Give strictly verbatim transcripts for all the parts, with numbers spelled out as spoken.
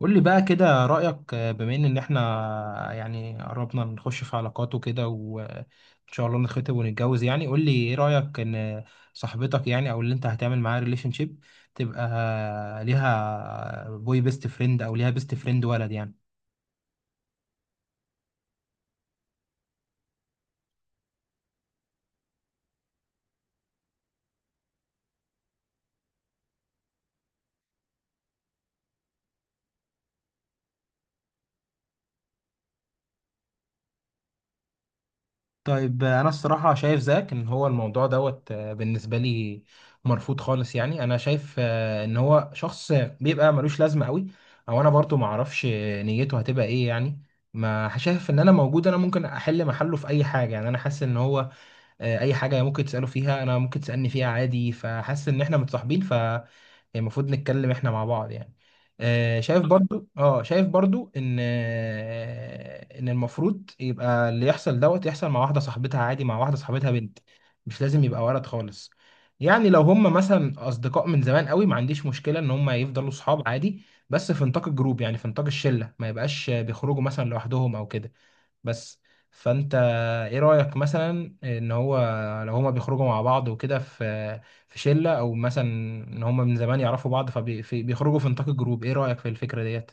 قول لي بقى كده رأيك، آه، بما ان إن احنا يعني قربنا نخش في علاقات وكده، وان شاء الله نتخطب ونتجوز. يعني قول لي ايه رأيك ان صاحبتك، يعني او اللي انت هتعمل معاها ريليشن شيب، تبقى ليها بوي بيست فريند او ليها بيست فريند ولد يعني. طيب انا الصراحه شايف زيك ان هو الموضوع دوت، آه، بالنسبه لي مرفوض خالص. يعني انا شايف آه، ان هو شخص بيبقى ملوش لازمه قوي، او انا برضو ما اعرفش آه، نيته هتبقى ايه يعني. ما شايف ان انا موجود، انا ممكن احل محله في اي حاجه يعني. انا حاسس ان هو آه، اي حاجه ممكن تساله فيها انا ممكن تسالني فيها عادي، فحاسس ان احنا متصاحبين يعني، المفروض نتكلم احنا مع بعض يعني. آه، شايف بالظبط. برضو اه شايف برضو ان آه، ان المفروض يبقى اللي يحصل دوت يحصل مع واحده صاحبتها عادي، مع واحده صاحبتها بنت. مش لازم يبقى ولد خالص. يعني لو هم مثلا اصدقاء من زمان قوي، ما عنديش مشكله ان هم يفضلوا صحاب عادي، بس في نطاق الجروب، يعني في نطاق الشله، ما يبقاش بيخرجوا مثلا لوحدهم او كده. بس فانت ايه رأيك مثلا ان هو لو هما بيخرجوا مع بعض وكده في في شلة، او مثلا ان هما من زمان يعرفوا بعض فبيخرجوا في نطاق الجروب، ايه رأيك في الفكرة ديت؟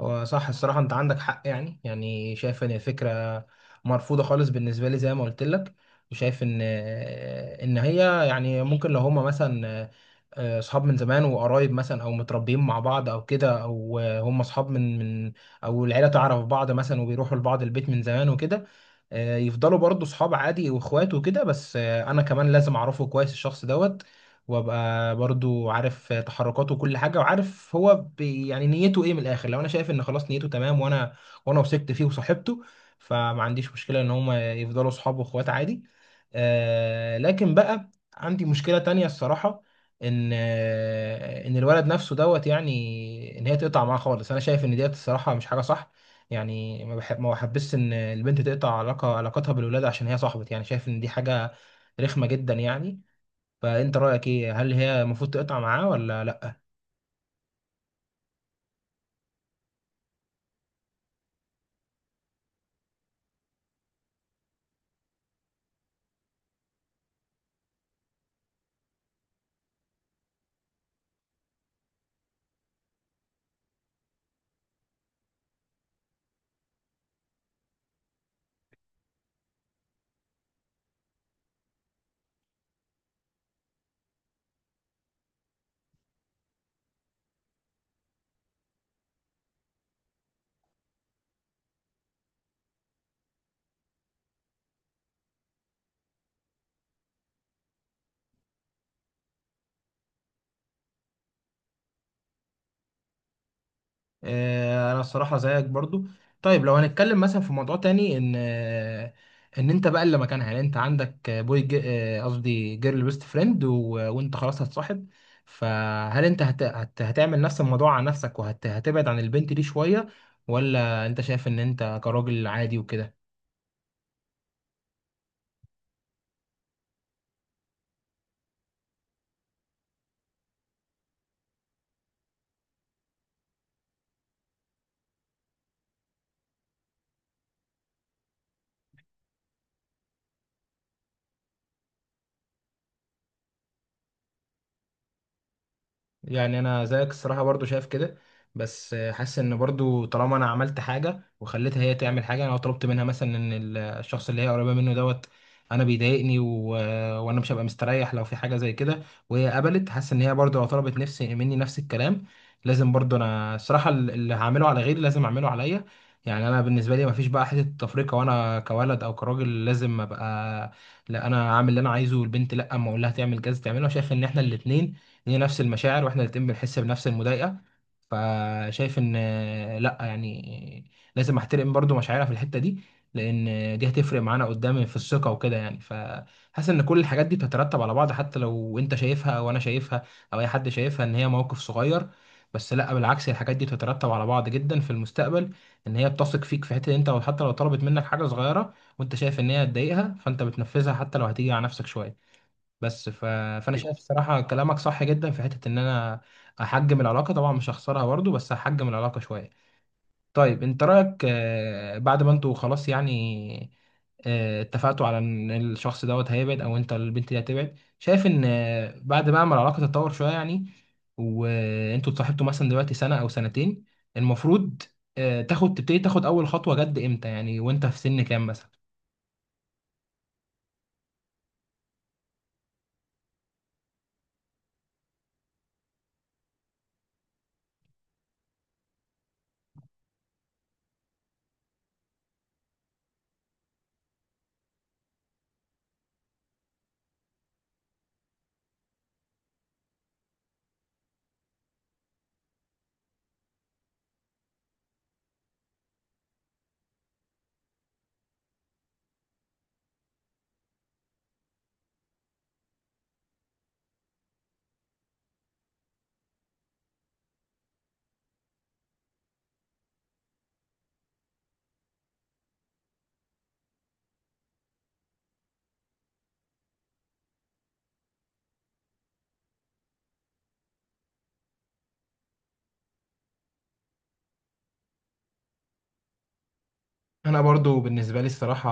هو صح الصراحة أنت عندك حق. يعني يعني شايف إن الفكرة مرفوضة خالص بالنسبة لي زي ما قلت لك. وشايف إن إن هي يعني ممكن لو هما مثلا آه، أصحاب من زمان وقرايب، مثلا أو متربيين مع بعض أو كده، أو آه، هما أصحاب من من، أو العيلة تعرف بعض مثلا وبيروحوا لبعض البيت من زمان وكده، آه، يفضلوا برضه صحاب عادي وإخوات وكده. بس آه، أنا كمان لازم أعرفه كويس الشخص دوت، وابقى برضو عارف تحركاته وكل حاجه، وعارف هو بي يعني نيته ايه من الاخر. لو انا شايف ان خلاص نيته تمام، وانا وانا وثقت فيه وصاحبته، فما عنديش مشكله ان هما يفضلوا صحاب واخوات عادي. آه، لكن بقى عندي مشكله تانية الصراحه، ان آه، ان الولد نفسه دوت، يعني ان هي تقطع معاه خالص، انا شايف ان ديت الصراحه مش حاجه صح. يعني ما بحب ما بحبش ان البنت تقطع علاقه علاقتها بالولاد عشان هي صاحبت. يعني شايف ان دي حاجه رخمه جدا يعني. فانت رايك ايه، هل هي المفروض تقطع معاه ولا لا؟ آه، انا الصراحه زيك برضو. طيب لو هنتكلم مثلا في موضوع تاني، ان آه، ان انت بقى اللي مكانها، يعني انت عندك آه، بوي جي- آه، قصدي جيرل بيست فريند، وانت خلاص هتصاحب. فهل انت هت... هت... هتعمل نفس الموضوع على نفسك، وهتبعد وهت... هتبعد عن البنت دي شويه، ولا انت شايف ان انت كراجل عادي وكده؟ يعني انا زيك الصراحه برضو شايف كده، بس حاسس ان برضو طالما انا عملت حاجه وخليتها هي تعمل حاجه، انا لو طلبت منها مثلا ان ال- الشخص اللي هي قريبه منه دوت انا بيضايقني و... وانا مش هبقى مستريح لو في حاجه زي كده، وهي قبلت، حاسس ان هي برضو لو طلبت نفسي مني نفس الكلام، لازم برضو انا الصراحه ال- اللي هعمله على غيري لازم اعمله عليا. يعني انا بالنسبه لي مفيش بقى حته تفرقه، وانا كولد او كراجل لازم ابقى لا انا عامل اللي انا عايزه والبنت لا، اما اقول لها تعمل كذا تعمله. أنا شايف ان احنا الاتنين هي نفس المشاعر، واحنا الاتنين بنحس بنفس المضايقه. فشايف ان لا، يعني لازم احترم برضو مشاعرها في الحته دي، لان دي هتفرق معانا قدام في الثقه وكده يعني. فحاسس ان كل الحاجات دي بتترتب على بعض، حتى لو انت شايفها او انا شايفها او اي حد شايفها ان هي موقف صغير. بس لا بالعكس، الحاجات دي بتترتب على بعض جدا في المستقبل، ان هي بتثق فيك في حته انت، وحتى لو طلبت منك حاجه صغيره وانت شايف ان هي هتضايقها فانت بتنفذها حتى لو هتيجي على نفسك شويه. بس ف... فانا شايف الصراحه كلامك صح جدا، في حته ان انا احجم العلاقه. طبعا مش هخسرها برضه، بس هحجم العلاقه شويه. طيب انت رايك آه، بعد ما انتوا خلاص يعني آه، اتفقتوا على ان الشخص دوت هيبعد او انت البنت دي هتبعد، شايف ان آه، بعد بقى ما العلاقه تتطور شويه يعني وانتوا اتصاحبتوا مثلا دلوقتي سنه او سنتين، المفروض آه، تاخد تبتدي تاخد اول خطوه جد امتى يعني، وانت في سن كام مثلا؟ انا برضو بالنسبه لي الصراحه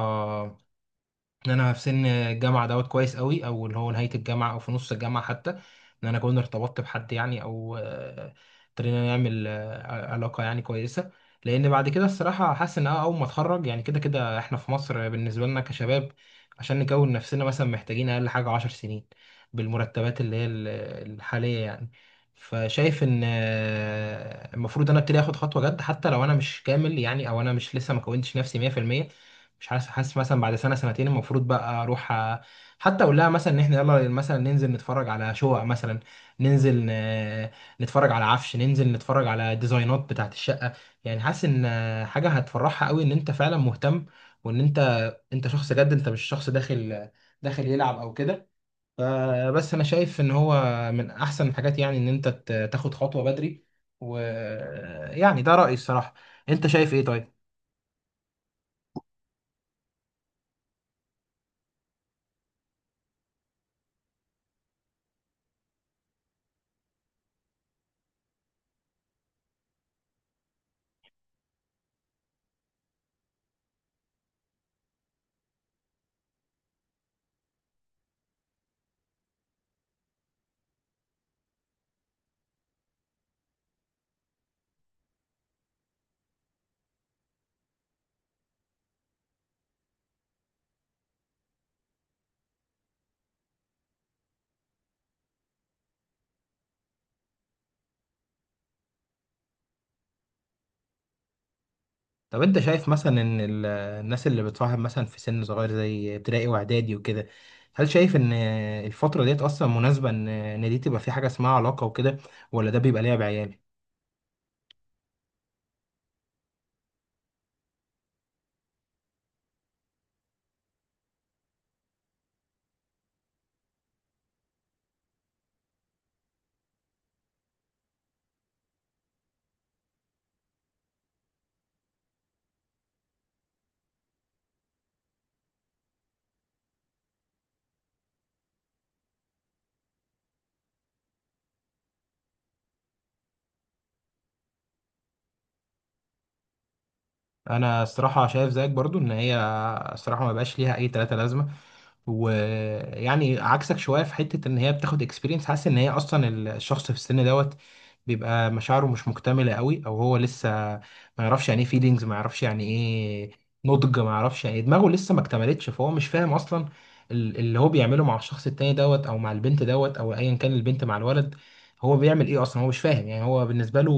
ان انا في سن الجامعه دوت كويس قوي، او اللي هو نهايه الجامعه او في نص الجامعه حتى، ان انا كنت ارتبطت بحد، يعني او آه، ابتدينا نعمل آه، علاقه يعني كويسه. لان بعد كده الصراحه حاسس ان أنا اول ما اتخرج، يعني كده كده احنا في مصر بالنسبه لنا كشباب عشان نكون نفسنا مثلا محتاجين اقل حاجه عشر سنين بالمرتبات اللي هي ال- الحاليه يعني. فشايف ان آه، المفروض انا ابتدي اخد خطوه جد، حتى لو انا مش كامل يعني، او انا مش لسه ما كونتش نفسي مية بالمية. مش حاسس حاسس مثلا بعد سنه سنتين المفروض بقى اروح أ- حتى اقول لها مثلا ان احنا يلا مثلا ننزل نتفرج على شقق مثلا، ننزل ن- نتفرج على عفش، ننزل نتفرج على ديزاينات بتاعت الشقه. يعني حاسس ان حاجه هتفرحها قوي ان انت فعلا مهتم، وان انت انت شخص جد، انت مش شخص داخل داخل يلعب او كده. فبس انا شايف ان هو من احسن الحاجات يعني ان انت ت- تاخد خطوه بدري، ويعني ده رايي الصراحه. انت شايف ايه طيب؟ طب انت شايف مثلا ان ال- الناس اللي بتصاحب مثلا في سن صغير زي ابتدائي واعدادي وكده، هل شايف ان الفترة ديت اصلا مناسبة ان ان دي تبقى في حاجة اسمها علاقة وكده، ولا ده بيبقى لعب عيال؟ انا الصراحه شايف زيك برضو ان هي الصراحه ما بقاش ليها اي تلاتة لازمه. ويعني عكسك شويه في حته ان هي بتاخد اكسبيرينس، حاسس ان هي اصلا الشخص في السن دوت بيبقى مشاعره مش مكتمله قوي، او هو لسه ما يعرفش يعني ايه فيلينجز، ما يعرفش يعني ايه نضج، ما يعرفش يعني إيه- دماغه لسه ما اكتملتش. فهو مش فاهم اصلا ال- اللي هو بيعمله مع الشخص التاني دوت، او مع البنت دوت، او ايا كان البنت مع الولد، هو بيعمل ايه اصلا. هو مش فاهم يعني، هو بالنسبه له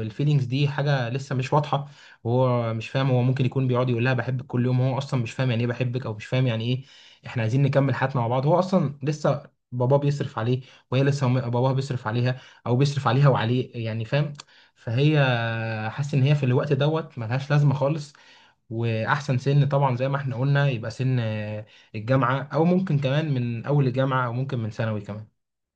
الفيلينجز دي حاجه لسه مش واضحه، وهو مش فاهم. هو ممكن يكون بيقعد يقول لها بحبك كل يوم، هو اصلا مش فاهم يعني ايه بحبك، او مش فاهم يعني ايه احنا عايزين نكمل حياتنا مع بعض. هو اصلا لسه باباه بيصرف عليه، وهي لسه م- باباها بيصرف عليها، او بيصرف عليها وعليه يعني، فاهم. فهي حاسس ان هي في الوقت دوت ملهاش لازمه خالص. واحسن سن طبعا زي ما احنا قلنا يبقى سن آه، الجامعه، او ممكن كمان من اول الجامعه، او ممكن من ثانوي كمان.